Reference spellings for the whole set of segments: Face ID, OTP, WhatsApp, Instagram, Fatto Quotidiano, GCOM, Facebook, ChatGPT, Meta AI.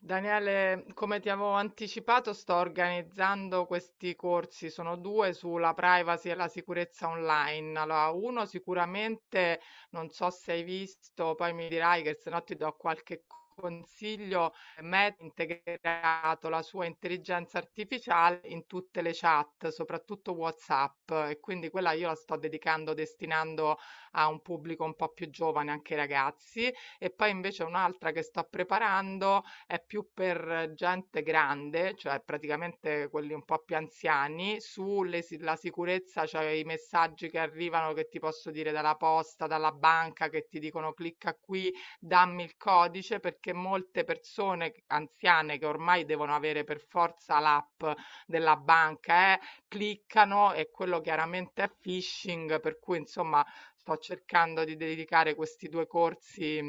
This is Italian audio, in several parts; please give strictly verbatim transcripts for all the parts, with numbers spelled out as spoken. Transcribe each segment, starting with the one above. Daniele, come ti avevo anticipato, sto organizzando questi corsi, sono due sulla privacy e la sicurezza online. Allora, uno sicuramente, non so se hai visto, poi mi dirai che se no ti do qualche consiglio. Meta ha integrato la sua intelligenza artificiale in tutte le chat, soprattutto WhatsApp, e quindi quella io la sto dedicando, destinando a un pubblico un po' più giovane, anche ai ragazzi. E poi invece un'altra che sto preparando è più per gente grande, cioè praticamente quelli un po' più anziani, sulle si la sicurezza, cioè i messaggi che arrivano che ti posso dire dalla posta, dalla banca, che ti dicono clicca qui, dammi il codice, perché molte persone che- anziane che ormai devono avere per forza l'app della banca, eh, cliccano e quello chiaramente è phishing, per cui insomma sto cercando di dedicare questi due corsi,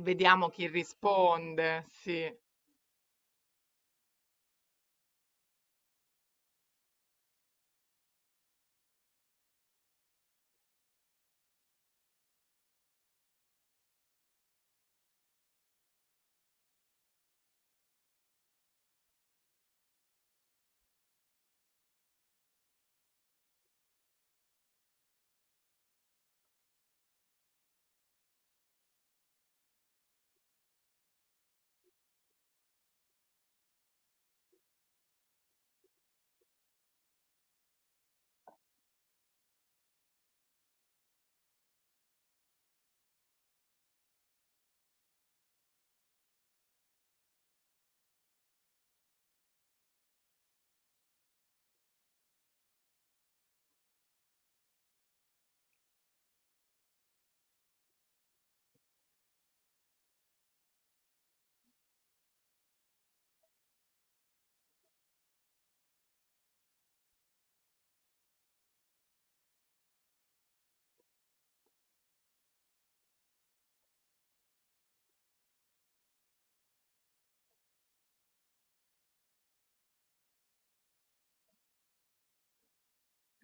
vediamo chi risponde, sì.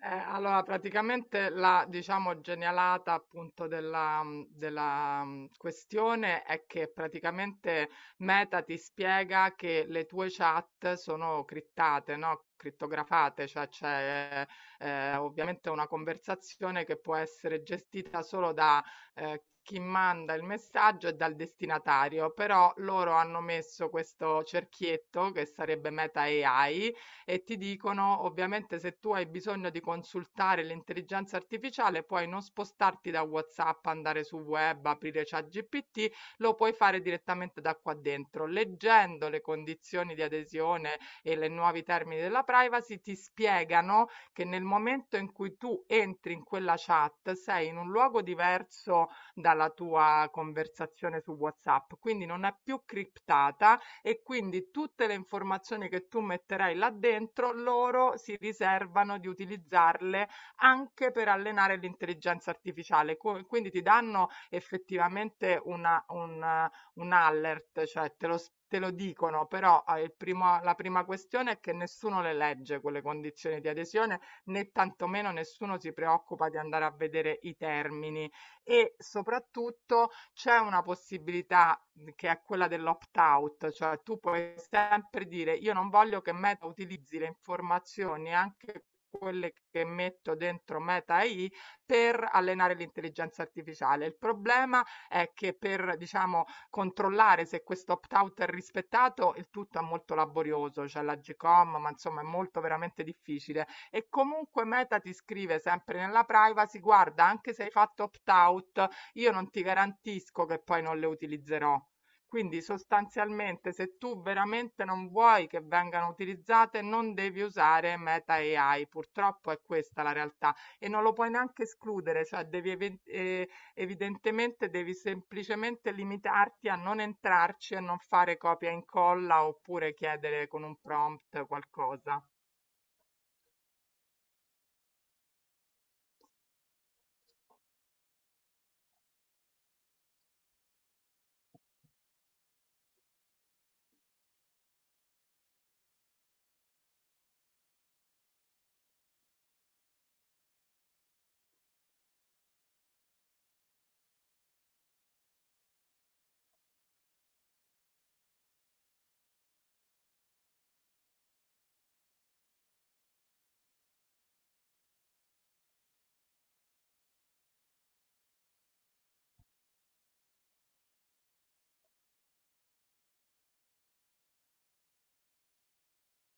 Eh, allora praticamente la, diciamo, genialata appunto della, mh, della, mh, questione è che praticamente Meta ti spiega che le tue chat sono criptate, no? Crittografate, cioè c'è eh, ovviamente una conversazione che può essere gestita solo da eh, chi manda il messaggio e dal destinatario, però loro hanno messo questo cerchietto che sarebbe Meta A I e ti dicono ovviamente se tu hai bisogno di consultare l'intelligenza artificiale puoi non spostarti da WhatsApp, andare su web, aprire ChatGPT, lo puoi fare direttamente da qua dentro. Leggendo le condizioni di adesione e i nuovi termini della privacy ti spiegano che nel momento in cui tu entri in quella chat sei in un luogo diverso dalla tua conversazione su WhatsApp, quindi non è più criptata e quindi tutte le informazioni che tu metterai là dentro, loro si riservano di utilizzarle anche per allenare l'intelligenza artificiale. Co- Quindi ti danno effettivamente una, un, un alert, cioè te lo spiegano te lo dicono, però eh, il primo- la prima questione è che nessuno le legge quelle condizioni di adesione, né tantomeno nessuno si preoccupa di andare a vedere i termini e soprattutto c'è una possibilità mhmm, che è quella dell'opt-out, cioè tu puoi sempre dire io non voglio che Meta utilizzi le informazioni, anche quelle che metto dentro Meta A I per allenare l'intelligenza artificiale. Il problema è che per, diciamo, controllare se questo opt-out è rispettato, il tutto è molto laborioso, c'è cioè la G C O M, ma insomma è molto veramente difficile e comunque Meta ti scrive sempre nella privacy, guarda, anche se hai fatto opt-out, io non ti garantisco che poi non le utilizzerò. Quindi sostanzialmente se tu veramente non vuoi che vengano utilizzate, non devi usare Meta A I. Purtroppo è questa la realtà e non lo puoi neanche escludere, cioè devi even- eh, evidentemente devi semplicemente limitarti a non entrarci e non fare copia e incolla oppure chiedere con un prompt qualcosa.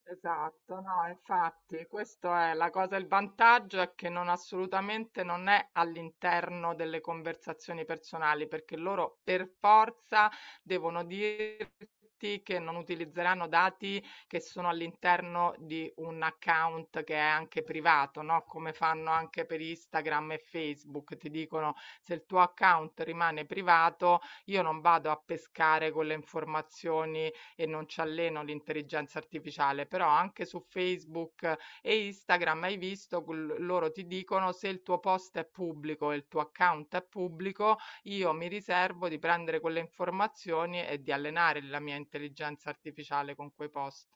Esatto, no, infatti, questo è la cosa, il vantaggio è che non assolutamente non è all'interno delle conversazioni personali, perché loro per forza devono dirti che non utilizzeranno dati che sono all'interno di un account che è anche privato, no? Come fanno anche per Instagram e Facebook, ti dicono se il tuo account rimane privato, io non vado a pescare con le informazioni e non ci alleno l'intelligenza artificiale, però anche su Facebook e Instagram hai visto, quel- loro ti dicono se il tuo post è pubblico e il tuo account è pubblico, io mi riservo di prendere quelle informazioni e di allenare la mia intelligenza artificiale con quei post.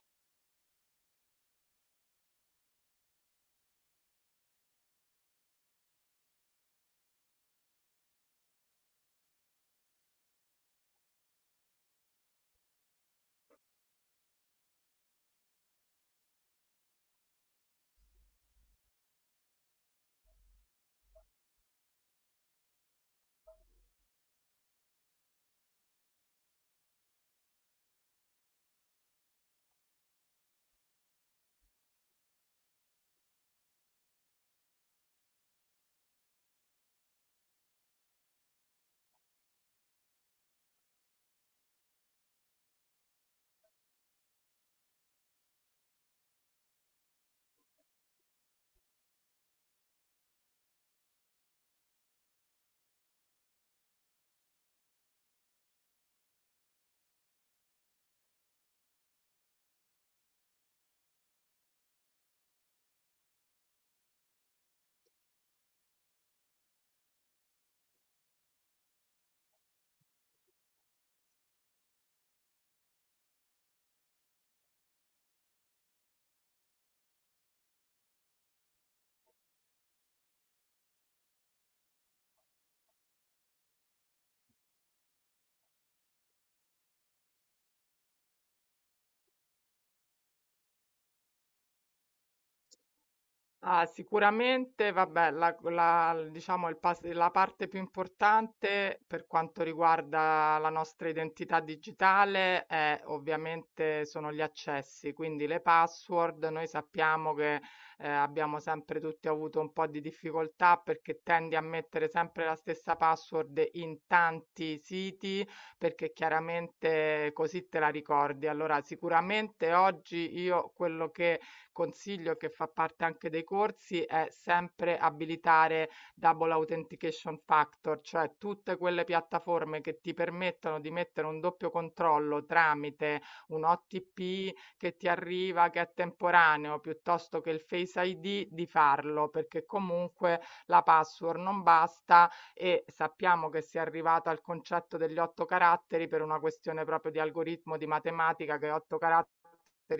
Ah, sicuramente, vabbè, la, la- diciamo il pas- la parte più importante per quanto riguarda la nostra identità digitale è ovviamente sono gli accessi, quindi le password. Noi sappiamo che eh, abbiamo sempre tutti avuto un po' di difficoltà perché tendi a mettere sempre la stessa password in tanti siti perché chiaramente così te la ricordi. Allora, sicuramente oggi io quello che consiglio che fa parte anche dei corsi è sempre abilitare Double Authentication Factor, cioè tutte quelle piattaforme che ti permettono di mettere un doppio controllo tramite un O T P che ti arriva, che è temporaneo, piuttosto che il Face I D, di farlo, perché comunque la password non basta e sappiamo che si è arrivato al concetto degli otto caratteri per una questione proprio di algoritmo di matematica che otto caratteri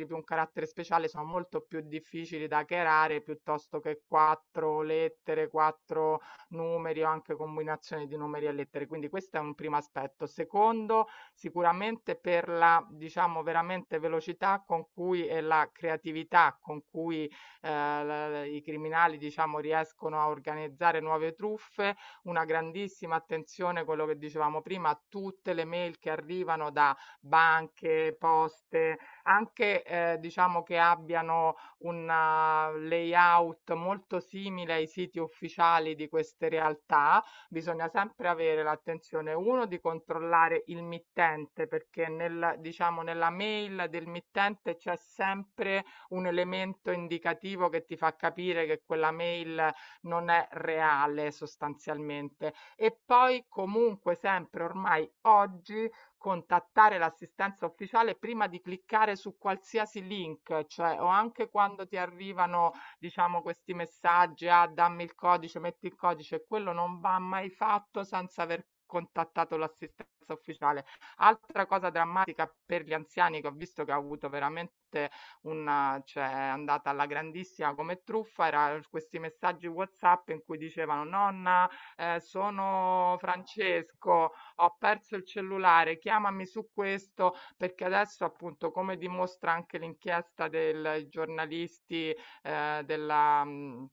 più un carattere speciale sono molto più difficili da chiarare piuttosto che quattro lettere, quattro numeri o anche combinazioni di numeri e lettere. Quindi questo è un primo aspetto. Secondo, sicuramente per la diciamo veramente velocità con cui e la creatività con cui eh, la- i criminali diciamo riescono a organizzare nuove truffe una grandissima attenzione, quello che dicevamo prima, a tutte le mail che arrivano da banche, poste, anche eh, diciamo che abbiano un uh, layout molto simile ai siti ufficiali di queste realtà, bisogna sempre avere l'attenzione, uno, di controllare il mittente, perché nel, diciamo, nella mail del mittente c'è sempre un elemento indicativo che ti fa capire che quella mail non è reale sostanzialmente. E poi comunque sempre ormai oggi contattare l'assistenza ufficiale prima di cliccare su qualsiasi link, cioè o anche quando ti arrivano, diciamo, questi messaggi, ah, dammi il codice, metti il codice, quello non va mai fatto senza aver contattato l'assistenza ufficiale. Altra cosa drammatica per gli anziani che ho visto che ha avuto veramente una cioè è andata alla grandissima come truffa, era questi messaggi WhatsApp in cui dicevano: "Nonna, eh, sono Francesco, ho perso il cellulare, chiamami su questo", perché adesso appunto, come dimostra anche l'inchiesta del giornalisti eh, della, mh,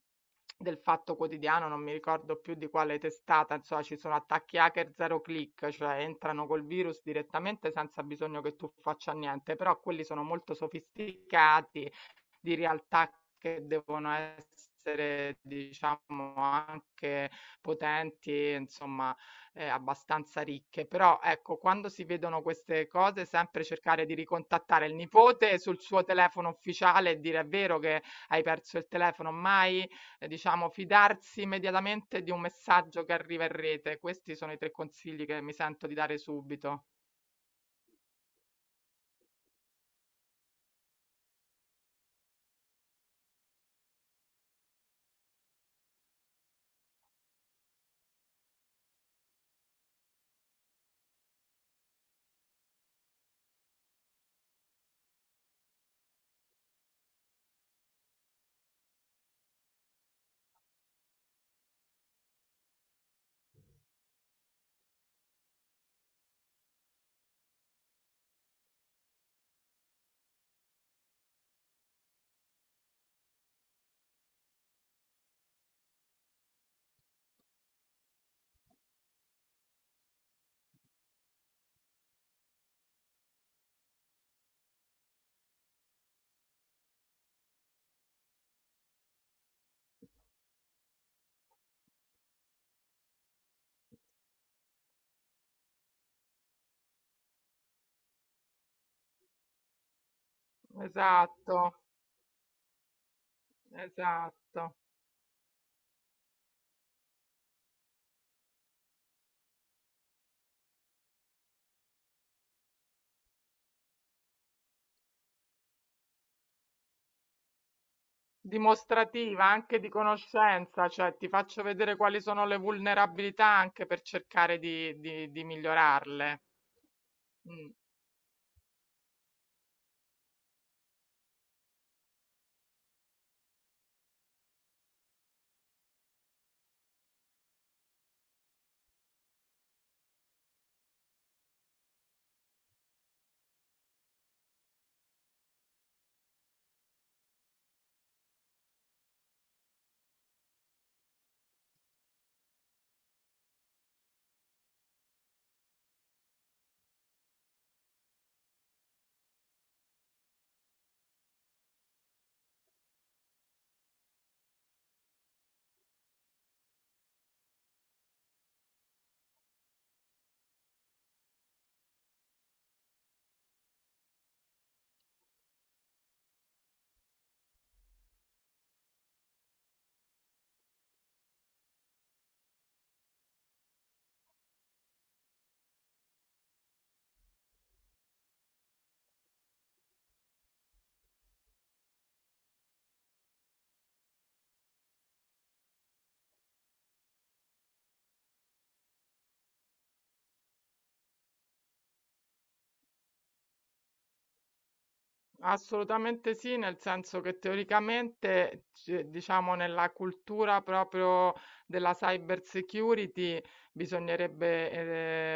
del Fatto Quotidiano, non mi ricordo più di quale testata, insomma ci sono attacchi hacker zero click, cioè entrano col virus direttamente senza bisogno che tu faccia niente, però quelli sono molto sofisticati di realtà che devono essere, diciamo, anche potenti, insomma, eh, abbastanza ricche. Però ecco, quando si vedono queste cose, sempre cercare di ricontattare il nipote sul suo telefono ufficiale e dire è vero che hai perso il telefono, mai, eh, diciamo, fidarsi immediatamente di un messaggio che arriva in rete. Questi sono i tre consigli che mi sento di dare subito. Esatto, esatto. Dimostrativa anche di conoscenza, cioè ti faccio vedere quali sono le vulnerabilità anche per cercare di, di- di migliorarle. Mm. Assolutamente sì, nel senso che teoricamente, c- diciamo, nella cultura proprio della cyber security bisognerebbe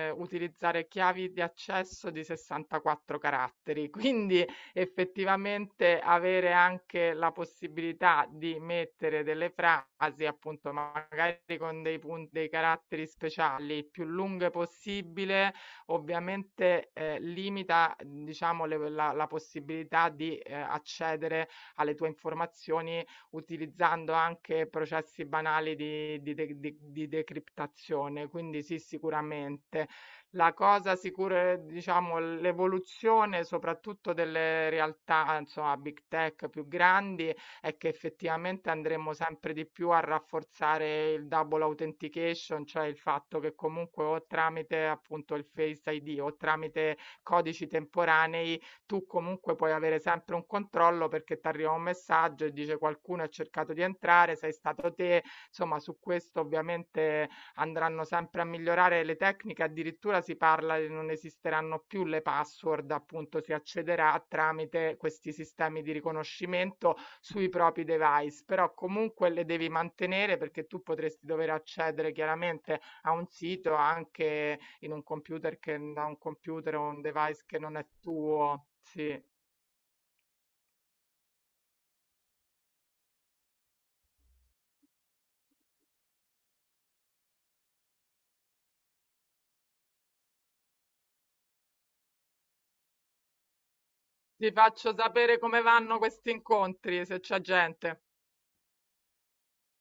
eh, utilizzare chiavi di accesso di sessantaquattro caratteri, quindi effettivamente avere anche la possibilità di mettere delle frasi, appunto, magari con dei punti, dei caratteri speciali il più lunghe possibile ovviamente eh, limita, diciamo, le- la, la possibilità di eh, accedere alle tue informazioni utilizzando anche processi banali di, di de- di- di decriptazione. Quindi sì, sicuramente. La cosa sicura, è, diciamo, l'evoluzione soprattutto delle realtà, insomma, big tech più grandi è che effettivamente andremo sempre di più a rafforzare il double authentication, cioè il fatto che comunque o tramite appunto il Face I D o tramite codici temporanei tu comunque puoi avere sempre un controllo perché ti arriva un messaggio e dice qualcuno ha cercato di entrare, sei stato te, insomma su questo ovviamente andranno sempre a migliorare le tecniche, addirittura si parla che non esisteranno più le password, appunto si accederà tramite questi sistemi di riconoscimento sui propri device, però comunque le devi mantenere perché tu potresti dover accedere chiaramente a un sito anche in un computer che da un computer o un device che non è tuo. Sì. Ti faccio sapere come vanno questi incontri, se c'è gente.